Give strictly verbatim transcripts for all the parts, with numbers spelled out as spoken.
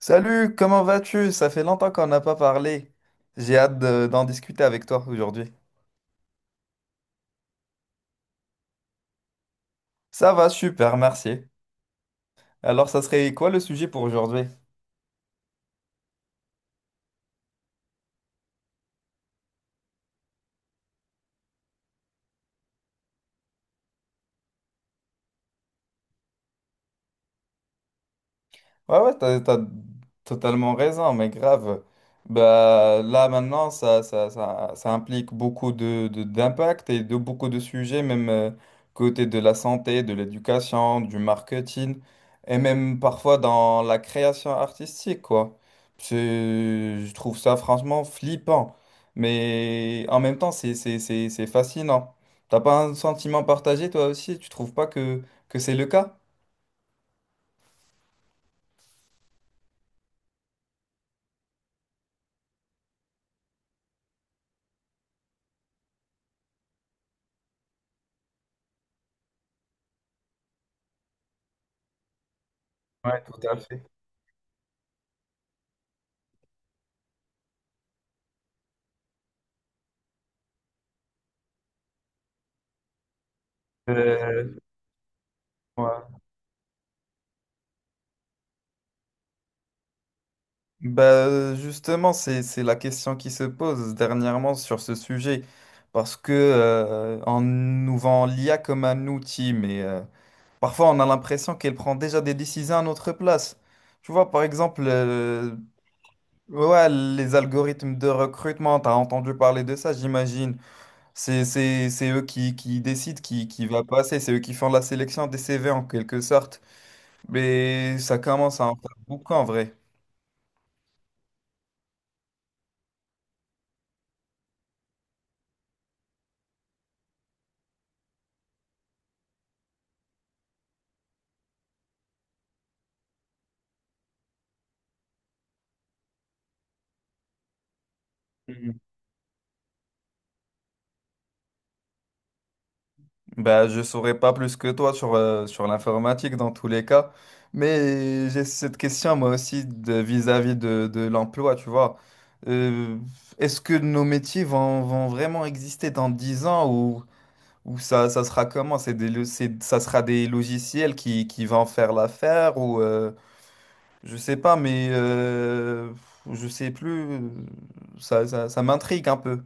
Salut, comment vas-tu? Ça fait longtemps qu'on n'a pas parlé. J'ai hâte de- d'en discuter avec toi aujourd'hui. Ça va, super, merci. Alors, ça serait quoi le sujet pour aujourd'hui? Ouais, ouais, t'as, t'as totalement raison, mais grave. Bah, là, maintenant, ça, ça, ça, ça implique beaucoup de, de- d'impact et de beaucoup de sujets, même euh, côté de la santé, de l'éducation, du marketing, et même parfois dans la création artistique, quoi. C'est- Je trouve ça franchement flippant, mais en même temps, c'est, c'est, c'est, c'est fascinant. T'as pas un sentiment partagé, toi aussi? Tu trouves pas que, que c'est le cas? Ouais, tout à fait. Euh, ouais. Bah, euh, justement, c'est, c'est la question qui se pose dernièrement sur ce sujet. Parce que, euh, on nous vend l'I A comme un outil, mais euh, parfois on a l'impression qu'elle prend déjà des décisions à notre place. Tu vois, par exemple, euh, ouais, les algorithmes de recrutement, tu as entendu parler de ça, j'imagine. C'est, c'est, c'est eux qui, qui décident qui, qui va passer, c'est eux qui font la sélection des C V en quelque sorte. Mais ça commence à en faire beaucoup en vrai. Bah, je saurais pas plus que toi sur, euh, sur l'informatique dans tous les cas, mais j'ai cette question moi aussi de, vis-à-vis de, de l'emploi, tu vois. Euh, est-ce que nos métiers vont, vont vraiment exister dans dix ans ou, ou ça, ça sera comment? C'est des, lo- c'est- ça sera des logiciels qui, qui vont faire l'affaire ou euh, je sais pas, mais euh, je sais plus, ça, ça, ça m'intrigue un peu.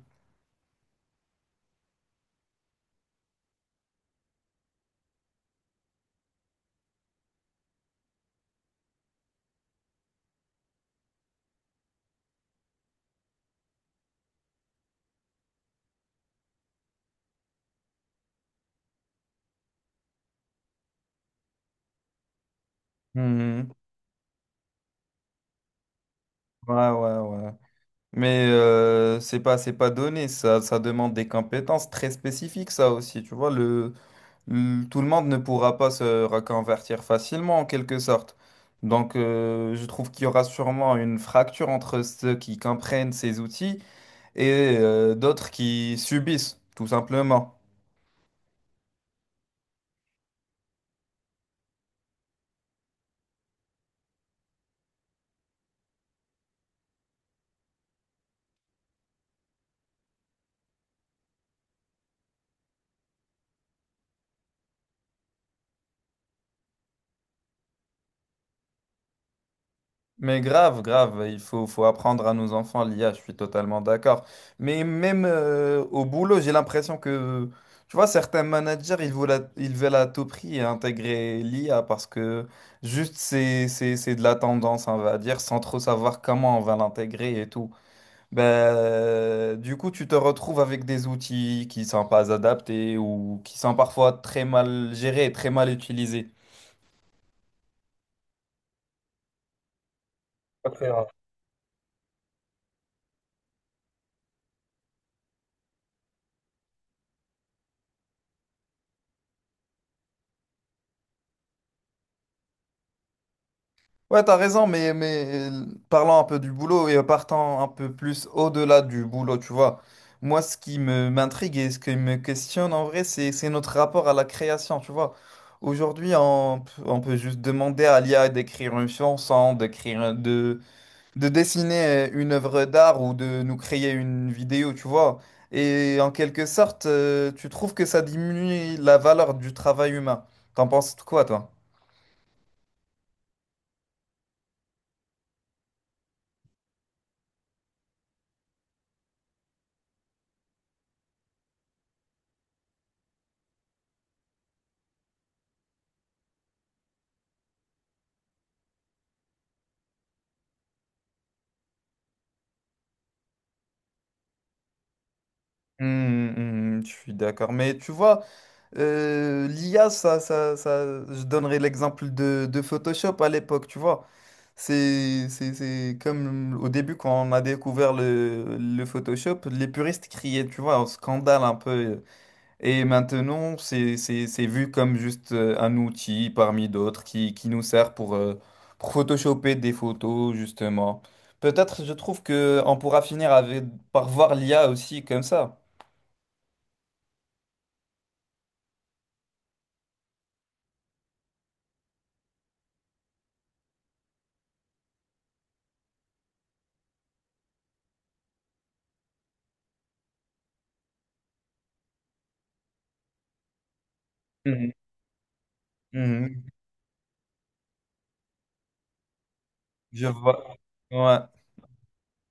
Mhm. Ouais, ouais, ouais. Mais euh, c'est pas, c'est pas donné, ça, ça demande des compétences très spécifiques, ça aussi, tu vois, le, le- tout le monde ne pourra pas se reconvertir facilement, en quelque sorte. Donc, euh, je trouve qu'il y aura sûrement une fracture entre ceux qui comprennent ces outils et euh, d'autres qui subissent, tout simplement. Mais grave, grave, il faut, faut apprendre à nos enfants l'I A, je suis totalement d'accord. Mais même euh, au boulot, j'ai l'impression que, tu vois, certains managers, ils veulent ils veulent à tout prix intégrer l'I A parce que juste c'est, c'est, c'est de la tendance, on va dire, sans trop savoir comment on va l'intégrer et tout. Ben, euh, du coup, tu te retrouves avec des outils qui sont pas adaptés ou qui sont parfois très mal gérés et très mal utilisés. Ouais, t'as raison, mais, mais euh, parlant un peu du boulot et partant un peu plus au-delà du boulot, tu vois. Moi, ce qui me m'intrigue et ce qui me questionne en vrai, c'est, c'est notre rapport à la création, tu vois. Aujourd'hui, on, p- on peut juste demander à l'I A d'écrire une chanson, d'écrire, un- de, de dessiner une œuvre d'art ou de nous créer une vidéo, tu vois. Et en quelque sorte, euh, tu trouves que ça diminue la valeur du travail humain. T'en penses quoi, toi? Hum, hum, je suis d'accord. Mais tu vois, Euh, l'I A, ça, ça, ça, je donnerai l'exemple de, de Photoshop à l'époque, tu vois. C'est, c'est, c'est comme au début quand on a découvert le, le Photoshop, les puristes criaient, tu vois, un scandale un peu. Et maintenant, c'est, c'est, c'est vu comme juste euh, un outil parmi d'autres qui, qui nous sert pour, euh, pour photoshopper des photos, justement. Peut-être, je trouve que on pourra finir avec, par voir l'I A aussi comme ça. Mhm. Mhm. Je vois. Ouais.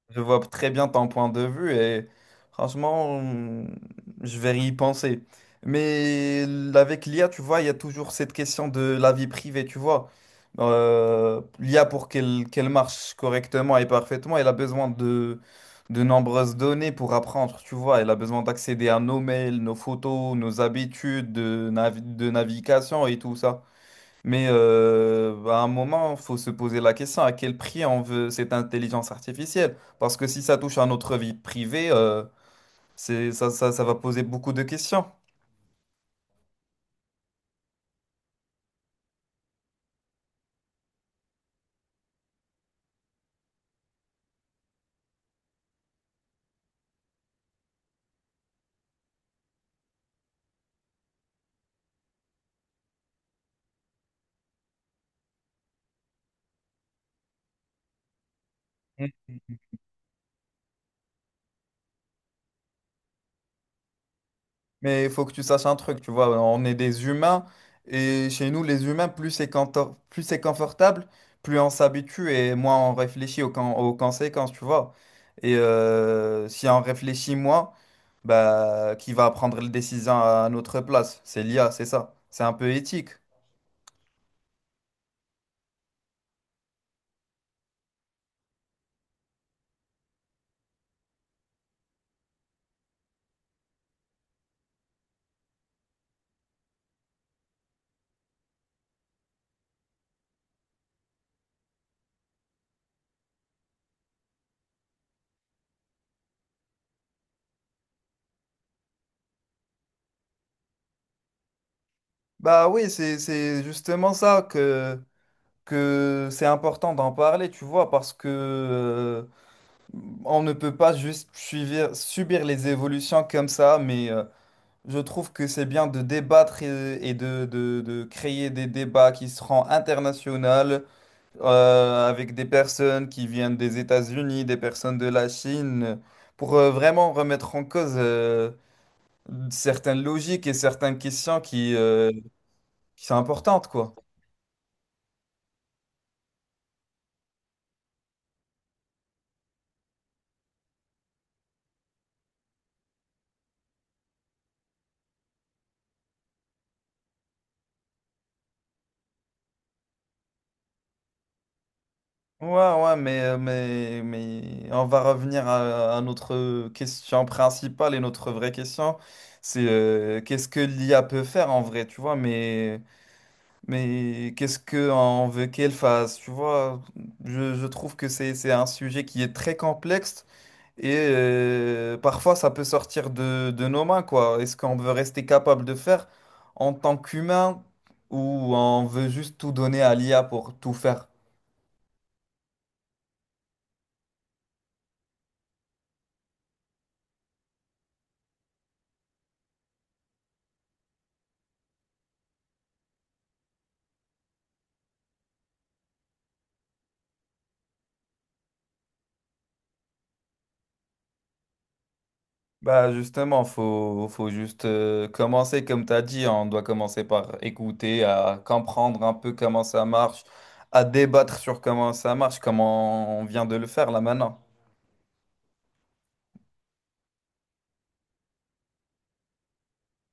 Je vois très bien ton point de vue et franchement, hum, je vais y penser. Mais l- avec l'I A, tu vois, il y a toujours cette question de la vie privée, tu vois. Euh, l'I A, pour qu'elle qu'elle marche correctement et parfaitement, elle a besoin de, de nombreuses données pour apprendre, tu vois. Elle a besoin d'accéder à nos mails, nos photos, nos habitudes de, navi- de navigation et tout ça. Mais euh, à un moment, faut se poser la question à quel prix on veut cette intelligence artificielle. Parce que si ça touche à notre vie privée, euh, c'est, ça, ça, ça va poser beaucoup de questions. Mm. Mais il faut que tu saches un truc, tu vois, on est des humains et chez nous, les humains, plus c'est contor- plus c'est confortable, plus on s'habitue et moins on réfléchit aux, con- aux conséquences, tu vois. Et euh, si on réfléchit moins, bah, qui va prendre les décisions à notre place? C'est l'I A, c'est ça. C'est un peu éthique. Bah oui, c'est, c'est justement ça que, que c'est important d'en parler, tu vois, parce que euh, on ne peut pas juste suivre, subir les évolutions comme ça, mais euh, je trouve que c'est bien de débattre et, et de, de, de créer des débats qui seront internationaux euh, avec des personnes qui viennent des États-Unis, des personnes de la Chine, pour euh, vraiment remettre en cause euh, certaines logiques et certaines questions qui, euh, qui sont importantes, quoi. Ouais, ouais, mais, euh, mais, mais on va revenir à, à notre question principale et notre vraie question, c'est euh, qu'est-ce que l'I A peut faire en vrai, tu vois, mais, mais qu'est-ce qu'on veut qu'elle fasse, tu vois. Je, je trouve que c'est, c'est un sujet qui est très complexe et euh, parfois ça peut sortir de, de nos mains, quoi. Est-ce qu'on veut rester capable de faire en tant qu'humain ou on veut juste tout donner à l'I A pour tout faire? Bah justement, faut, faut juste euh, commencer comme tu as dit, hein. On doit commencer par écouter, à comprendre un peu comment ça marche, à débattre sur comment ça marche, comment on vient de le faire là maintenant.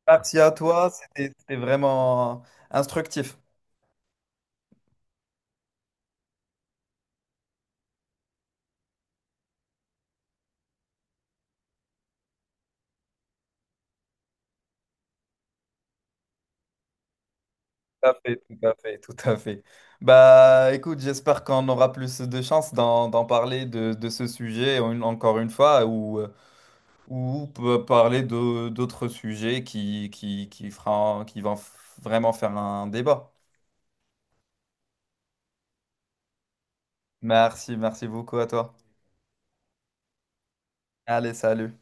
Merci à toi, c'était c'était vraiment instructif. Tout à fait, tout à fait, tout à fait. Bah écoute, j'espère qu'on aura plus de chance d'en d'en parler de, de ce sujet en- encore une fois, ou euh, ou peut parler de d'autres sujets qui, qui, qui fera, qui vont f- vraiment faire un débat. Merci, merci beaucoup à toi. Allez, salut.